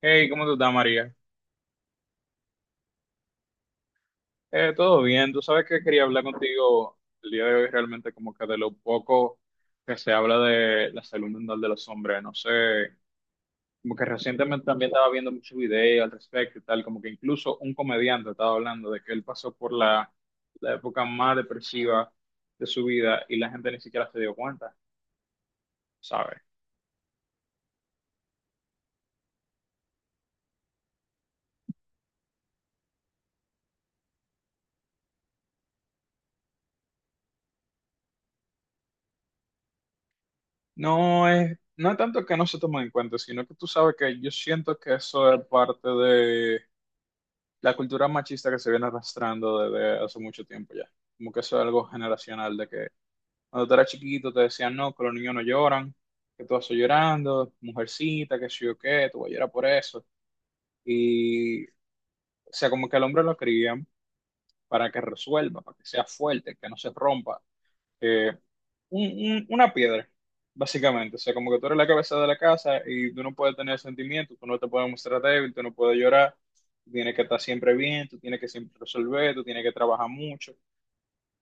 Hey, ¿cómo tú estás, María? Todo bien. Tú sabes que quería hablar contigo el día de hoy, realmente, como que de lo poco que se habla de la salud mental de los hombres. No sé, como que recientemente también estaba viendo muchos videos al respecto y tal, como que incluso un comediante estaba hablando de que él pasó por la época más depresiva de su vida y la gente ni siquiera se dio cuenta, ¿sabes? No es tanto que no se tomen en cuenta, sino que tú sabes que yo siento que eso es parte de la cultura machista que se viene arrastrando desde hace mucho tiempo ya. Como que eso es algo generacional, de que cuando tú eras chiquito te decían, no, que los niños no lloran, que tú vas llorando, mujercita, que sí o qué, tú vas a llorar por eso. Y, o sea, como que al hombre lo crían para que resuelva, para que sea fuerte, que no se rompa, eh, un- una piedra, básicamente. O sea, como que tú eres la cabeza de la casa y tú no puedes tener sentimientos, tú no te puedes mostrar débil, tú no puedes llorar, tú tienes que estar siempre bien, tú tienes que siempre resolver, tú tienes que trabajar mucho.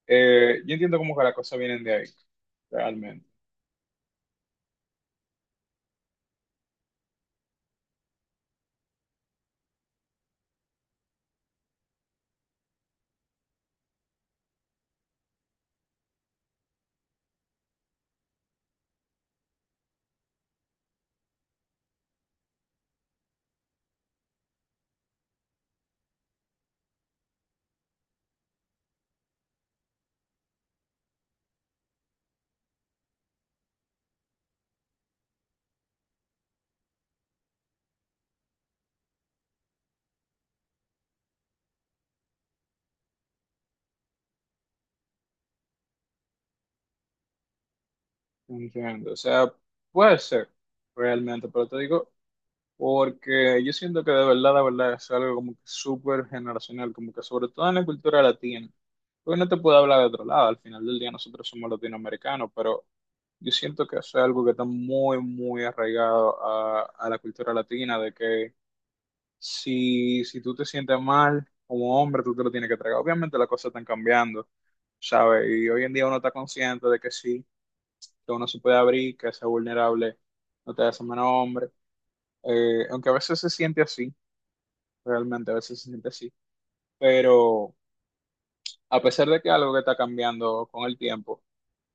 Yo entiendo como que las cosas vienen de ahí, realmente. Entiendo. O sea, puede ser, realmente, pero te digo, porque yo siento que de verdad, es algo como que súper generacional, como que sobre todo en la cultura latina. Porque no te puedo hablar de otro lado, al final del día nosotros somos latinoamericanos, pero yo siento que eso es algo que está muy, muy arraigado a la cultura latina, de que si tú te sientes mal como hombre, tú te lo tienes que tragar. Obviamente las cosas están cambiando, ¿sabes? Y hoy en día uno está consciente de que sí, que uno se puede abrir, que ser vulnerable no te hace menos hombre. Aunque a veces se siente así, realmente a veces se siente así. Pero a pesar de que algo que está cambiando con el tiempo,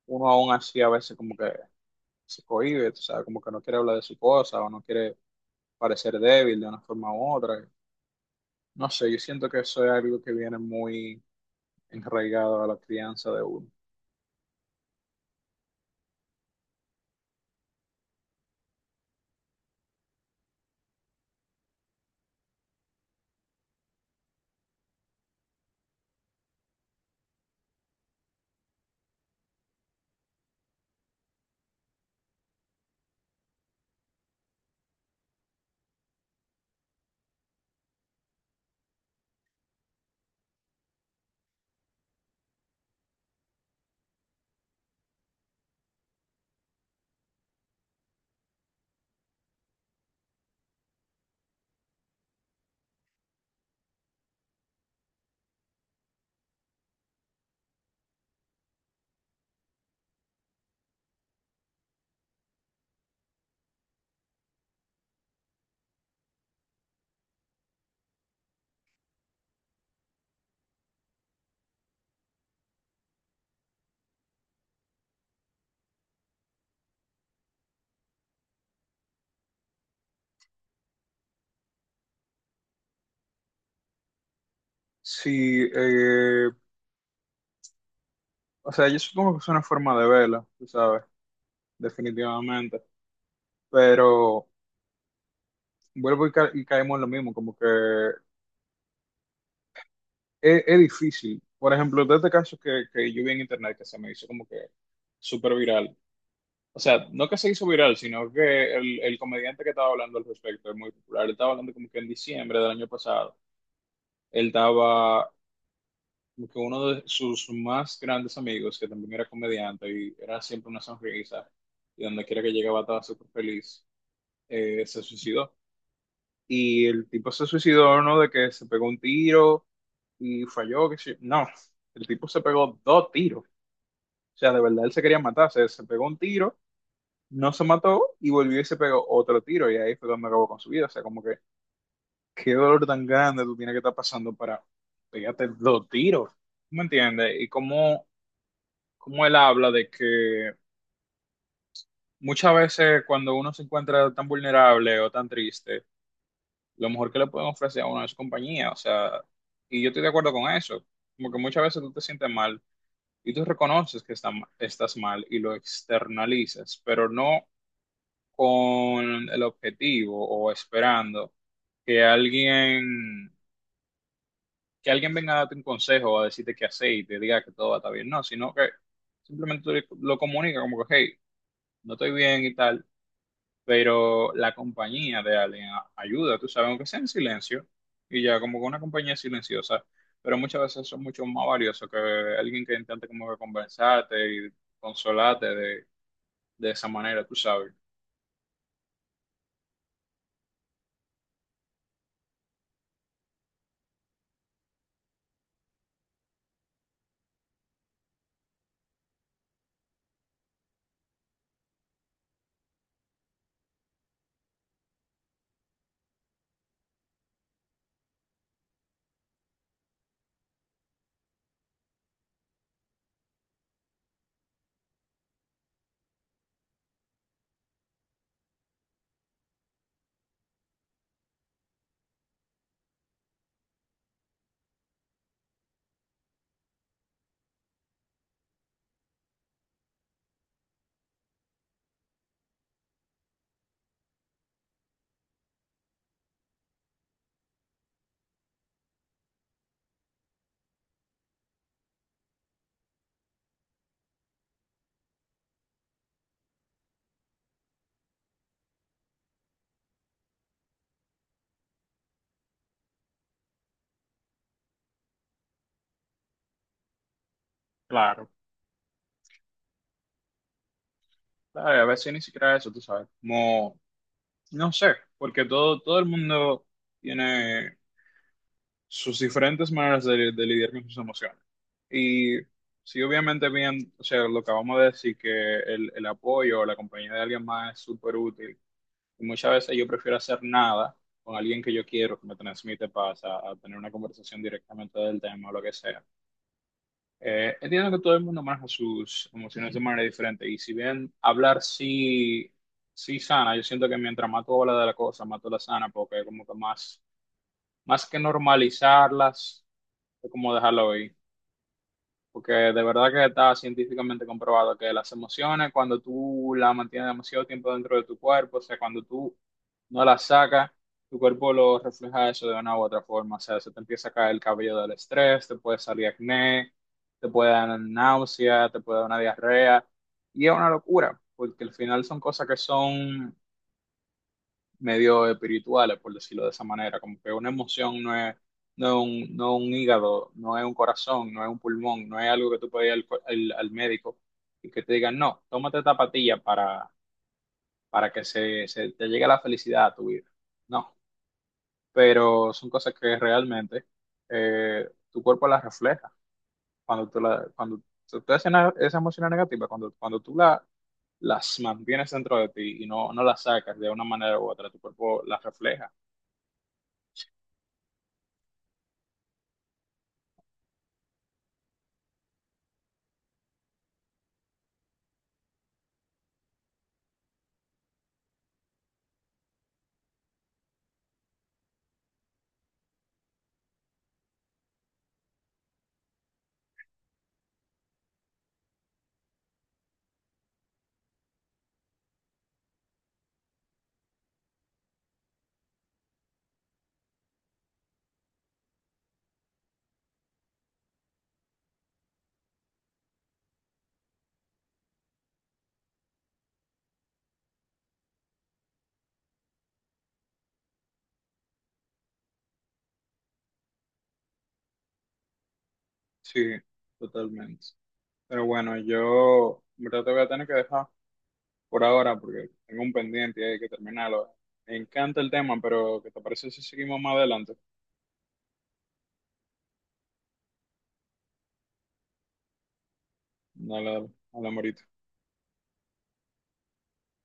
uno aún así a veces como que se cohíbe, o sea, como que no quiere hablar de su cosa o no quiere parecer débil de una forma u otra. No sé, yo siento que eso es algo que viene muy enraigado a la crianza de uno. Sí, o sea, yo supongo que es una forma de verla, tú sabes, definitivamente, pero vuelvo y caemos en lo mismo, como que es difícil. Por ejemplo, de este caso que yo vi en internet que se me hizo como que súper viral. O sea, no que se hizo viral, sino que el comediante que estaba hablando al respecto es muy popular. Él estaba hablando como que en diciembre del año pasado él estaba como que uno de sus más grandes amigos, que también era comediante y era siempre una sonrisa, y donde quiera que llegaba estaba súper feliz, se suicidó. Y el tipo se suicidó, ¿no? De que se pegó un tiro y falló, que no, el tipo se pegó dos tiros. O sea, de verdad él se quería matar, se pegó un tiro, no se mató y volvió y se pegó otro tiro y ahí fue donde acabó con su vida. O sea, como que qué dolor tan grande tú tienes que estar pasando para pegarte dos tiros. ¿Me entiendes? Y cómo como él habla de que muchas veces cuando uno se encuentra tan vulnerable o tan triste, lo mejor que le pueden ofrecer a uno es compañía, o sea, y yo estoy de acuerdo con eso, como que muchas veces tú te sientes mal y tú reconoces que estás mal y lo externalizas, pero no con el objetivo o esperando que alguien, que alguien venga a darte un consejo o a decirte qué hacer y te diga que todo va a estar bien, no, sino que simplemente tú lo comunicas como que, hey, no estoy bien y tal, pero la compañía de alguien ayuda, tú sabes, aunque sea en silencio, y ya como que una compañía silenciosa, pero muchas veces son mucho más valiosos que alguien que intente como que conversarte y consolarte de esa manera, tú sabes. Claro, claro, a veces ni siquiera eso, tú sabes, como, no sé, porque todo el mundo tiene sus diferentes maneras de lidiar con sus emociones. Y sí, obviamente bien, o sea, lo que acabamos de decir, que el apoyo o la compañía de alguien más es súper útil. Y muchas veces yo prefiero hacer nada con alguien que yo quiero, que me transmite paz, a tener una conversación directamente del tema o lo que sea. Entiendo que todo el mundo maneja sus emociones de manera diferente. Y si bien hablar sí, sí sana, yo siento que mientras más tú hablas de la cosa, más tú la sana, porque como que más, más que normalizarlas es como dejarlo ahí. Porque de verdad que está científicamente comprobado que las emociones, cuando tú las mantienes demasiado tiempo dentro de tu cuerpo, o sea, cuando tú no las sacas, tu cuerpo lo refleja eso de una u otra forma. O sea, se te empieza a caer el cabello del estrés, te puede salir acné, te puede dar náusea, te puede dar una diarrea. Y es una locura, porque al final son cosas que son medio espirituales, por decirlo de esa manera, como que una emoción no es, no es un hígado, no es un corazón, no es un pulmón, no es algo que tú puedes ir al médico y que te digan, no, tómate esta pastilla para que se te llegue la felicidad a tu vida. No, pero son cosas que realmente tu cuerpo las refleja. Cuando tú, la, cuando tú haces esa emoción negativa, cuando, cuando tú la, las mantienes dentro de ti y no, no las sacas de una manera u otra, tu cuerpo las refleja. Sí, totalmente. Pero bueno, yo en verdad te voy a tener que dejar por ahora porque tengo un pendiente y hay que terminarlo. Me encanta el tema, pero ¿qué te parece si seguimos más adelante? Dale, dale, hablamos ahorita.